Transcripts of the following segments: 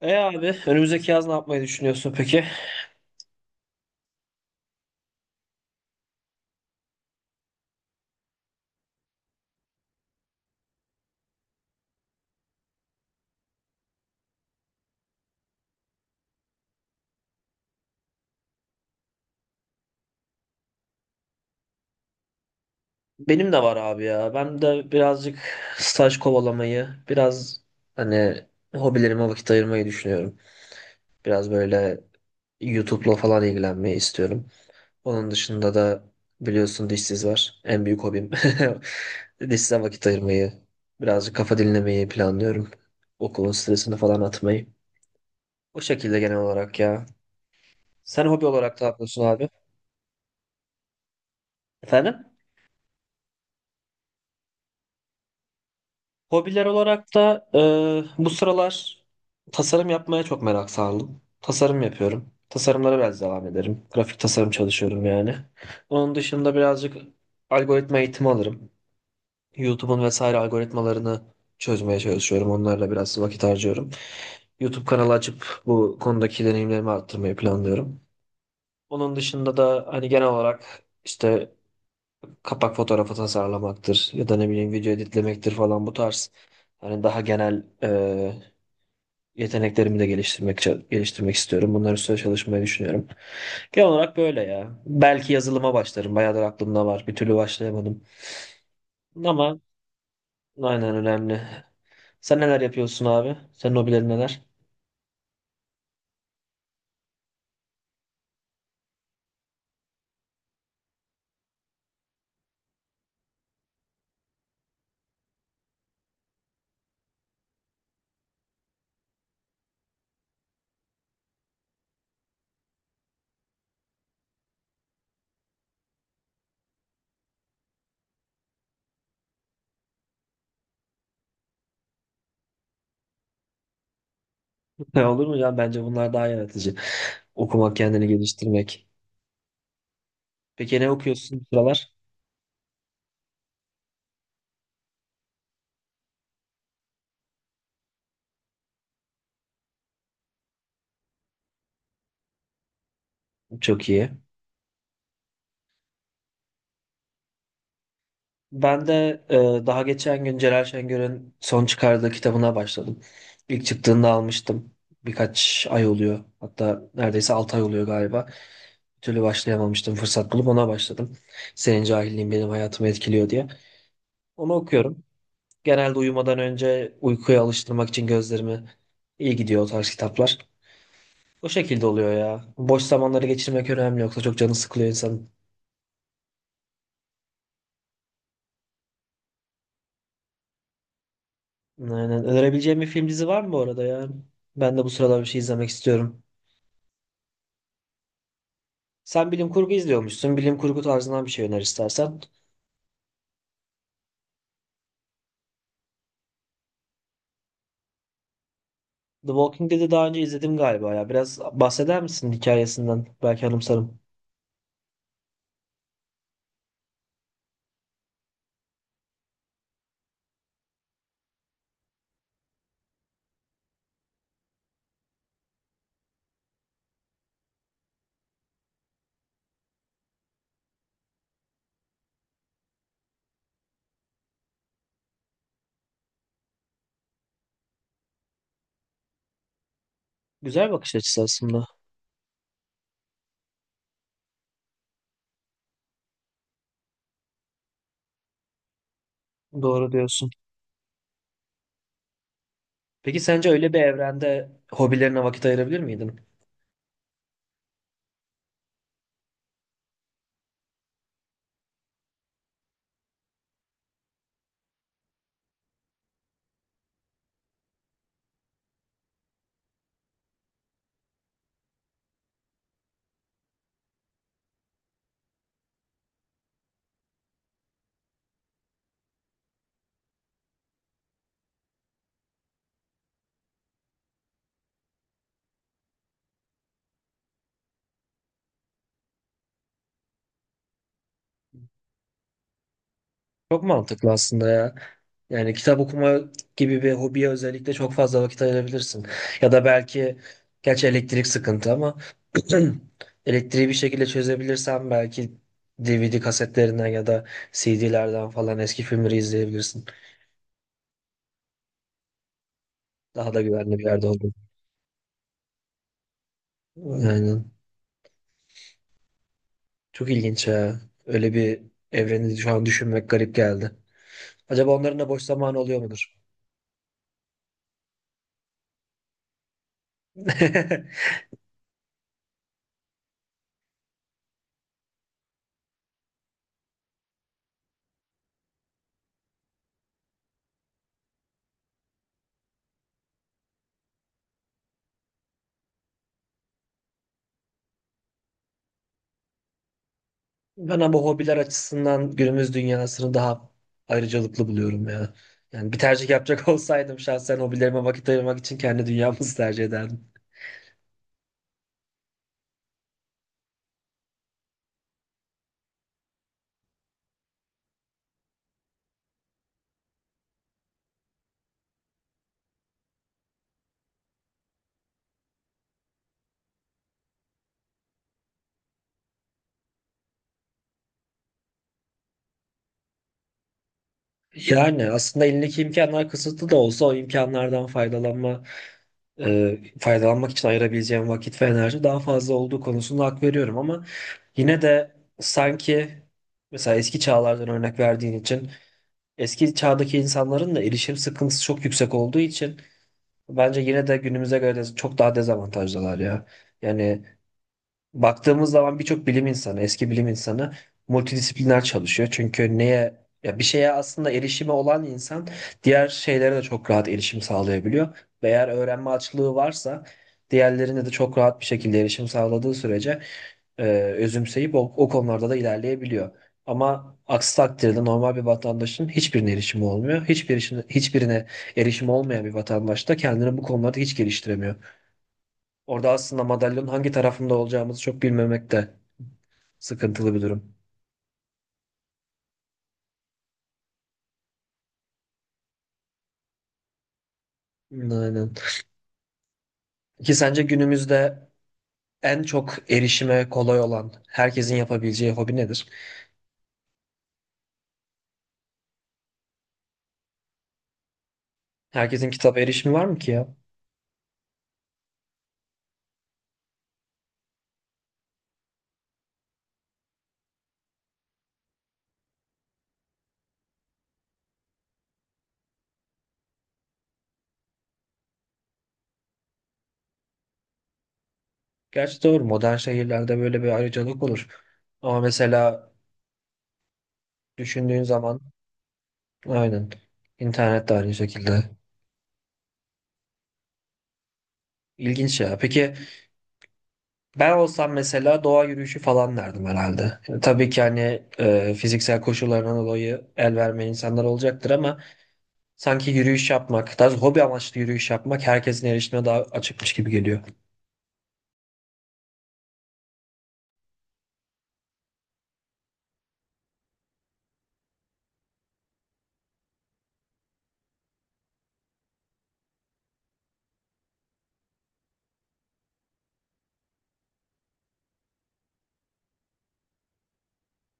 Abi, önümüzdeki yaz ne yapmayı düşünüyorsun peki? Benim de var abi ya. Ben de birazcık staj kovalamayı, biraz hani hobilerime vakit ayırmayı düşünüyorum. Biraz böyle YouTube'la falan ilgilenmeyi istiyorum. Onun dışında da biliyorsun dişsiz var. En büyük hobim. Dişsize vakit ayırmayı, birazcık kafa dinlemeyi planlıyorum. Okulun stresini falan atmayı. O şekilde genel olarak ya. Sen hobi olarak ne yapıyorsun abi? Efendim? Hobiler olarak da bu sıralar tasarım yapmaya çok merak sardım. Tasarım yapıyorum. Tasarımlara biraz devam ederim. Grafik tasarım çalışıyorum yani. Onun dışında birazcık algoritma eğitimi alırım. YouTube'un vesaire algoritmalarını çözmeye çalışıyorum. Onlarla biraz vakit harcıyorum. YouTube kanalı açıp bu konudaki deneyimlerimi arttırmayı planlıyorum. Onun dışında da hani genel olarak işte kapak fotoğrafı tasarlamaktır ya da ne bileyim video editlemektir falan bu tarz. Hani daha genel yeteneklerimi de geliştirmek istiyorum. Bunlar üstüne çalışmayı düşünüyorum. Genel olarak böyle ya. Belki yazılıma başlarım. Bayağıdır aklımda var. Bir türlü başlayamadım. Ama aynen önemli. Sen neler yapıyorsun abi? Senin hobilerin neler? Olur mu ya? Bence bunlar daha yaratıcı. Okumak, kendini geliştirmek. Peki ne okuyorsun bu sıralar? Çok iyi. Ben de daha geçen gün Celal Şengör'ün son çıkardığı kitabına başladım. İlk çıktığında almıştım. Birkaç ay oluyor. Hatta neredeyse 6 ay oluyor galiba. Bir türlü başlayamamıştım. Fırsat bulup ona başladım. Senin cahilliğin benim hayatımı etkiliyor diye. Onu okuyorum. Genelde uyumadan önce uykuya alıştırmak için gözlerimi iyi gidiyor o tarz kitaplar. O şekilde oluyor ya. Boş zamanları geçirmek önemli yoksa çok canı sıkılıyor insanın. Aynen. Önerebileceğim bir film dizi var mı bu arada ya? Ben de bu sıralar bir şey izlemek istiyorum. Sen bilim kurgu izliyormuşsun. Bilim kurgu tarzından bir şey öner istersen. The Walking Dead'i daha önce izledim galiba ya. Biraz bahseder misin hikayesinden? Belki anımsarım. Güzel bakış açısı aslında. Doğru diyorsun. Peki sence öyle bir evrende hobilerine vakit ayırabilir miydin? Çok mantıklı aslında ya. Yani kitap okuma gibi bir hobiye özellikle çok fazla vakit ayırabilirsin. Ya da belki gerçi elektrik sıkıntı ama elektriği bir şekilde çözebilirsen belki DVD kasetlerinden ya da CD'lerden falan eski filmleri izleyebilirsin. Daha da güvenli bir yerde olur. Aynen. Çok ilginç ya. Öyle bir evreni şu an düşünmek garip geldi. Acaba onların da boş zamanı oluyor mudur? Ben ama hobiler açısından günümüz dünyasını daha ayrıcalıklı buluyorum ya. Yani bir tercih yapacak olsaydım şahsen hobilerime vakit ayırmak için kendi dünyamızı tercih ederdim. Yani aslında elindeki imkanlar kısıtlı da olsa o imkanlardan faydalanma, faydalanmak için ayırabileceğim vakit ve enerji daha fazla olduğu konusunda hak veriyorum ama yine de sanki mesela eski çağlardan örnek verdiğin için eski çağdaki insanların da erişim sıkıntısı çok yüksek olduğu için bence yine de günümüze göre de çok daha dezavantajlılar ya. Yani baktığımız zaman birçok bilim insanı, eski bilim insanı multidisipliner çalışıyor. Çünkü neye ya bir şeye aslında erişimi olan insan diğer şeylere de çok rahat erişim sağlayabiliyor. Ve eğer öğrenme açlığı varsa diğerlerine de çok rahat bir şekilde erişim sağladığı sürece özümseyip o konularda da ilerleyebiliyor. Ama aksi takdirde normal bir vatandaşın hiçbirine erişimi olmuyor. Hiçbirine erişimi olmayan bir vatandaş da kendini bu konularda hiç geliştiremiyor. Orada aslında madalyonun hangi tarafında olacağımızı çok bilmemek de sıkıntılı bir durum. Aynen. Ki sence günümüzde en çok erişime kolay olan, herkesin yapabileceği hobi nedir? Herkesin kitap erişimi var mı ki ya? Gerçi doğru, modern şehirlerde böyle bir ayrıcalık olur. Ama mesela düşündüğün zaman aynen İnternet de aynı şekilde. İlginç ya. Peki ben olsam mesela doğa yürüyüşü falan derdim herhalde. Yani tabii ki hani fiziksel koşullarından dolayı el vermeyen insanlar olacaktır ama sanki yürüyüş yapmak, daha doğrusu hobi amaçlı yürüyüş yapmak herkesin erişimine daha açıkmış gibi geliyor.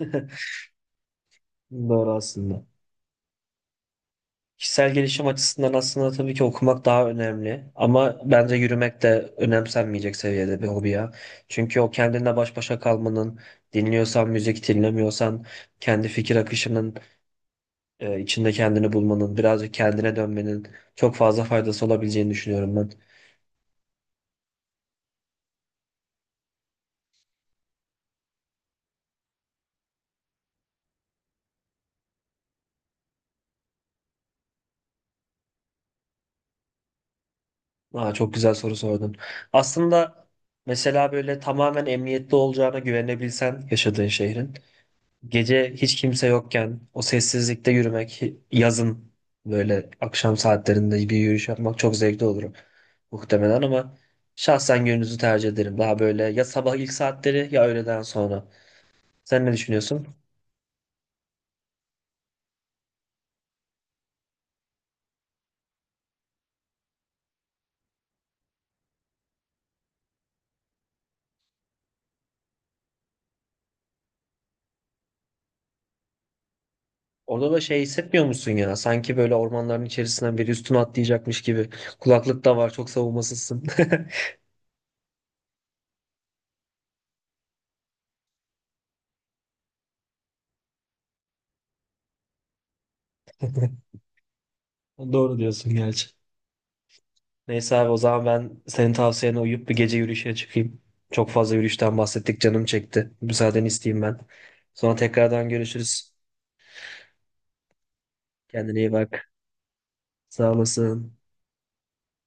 Doğru aslında. Kişisel gelişim açısından aslında tabii ki okumak daha önemli. Ama bence yürümek de önemsenmeyecek seviyede bir hobi ya. Çünkü o kendinle baş başa kalmanın, dinliyorsan müzik, dinlemiyorsan kendi fikir akışının içinde kendini bulmanın, birazcık kendine dönmenin çok fazla faydası olabileceğini düşünüyorum ben. Aa, çok güzel soru sordun. Aslında mesela böyle tamamen emniyetli olacağına güvenebilsen yaşadığın şehrin. Gece hiç kimse yokken o sessizlikte yürümek, yazın böyle akşam saatlerinde bir yürüyüş yapmak çok zevkli olur muhtemelen ama şahsen gündüzü tercih ederim. Daha böyle ya sabah ilk saatleri ya öğleden sonra. Sen ne düşünüyorsun? Orada da şey hissetmiyor musun ya? Sanki böyle ormanların içerisinden biri üstüne atlayacakmış gibi. Kulaklık da var, çok savunmasızsın. Doğru diyorsun gerçi. Neyse abi, o zaman ben senin tavsiyene uyup bir gece yürüyüşe çıkayım. Çok fazla yürüyüşten bahsettik, canım çekti. Müsaadeni isteyeyim ben. Sonra tekrardan görüşürüz. Kendine iyi bak. Sağ olasın.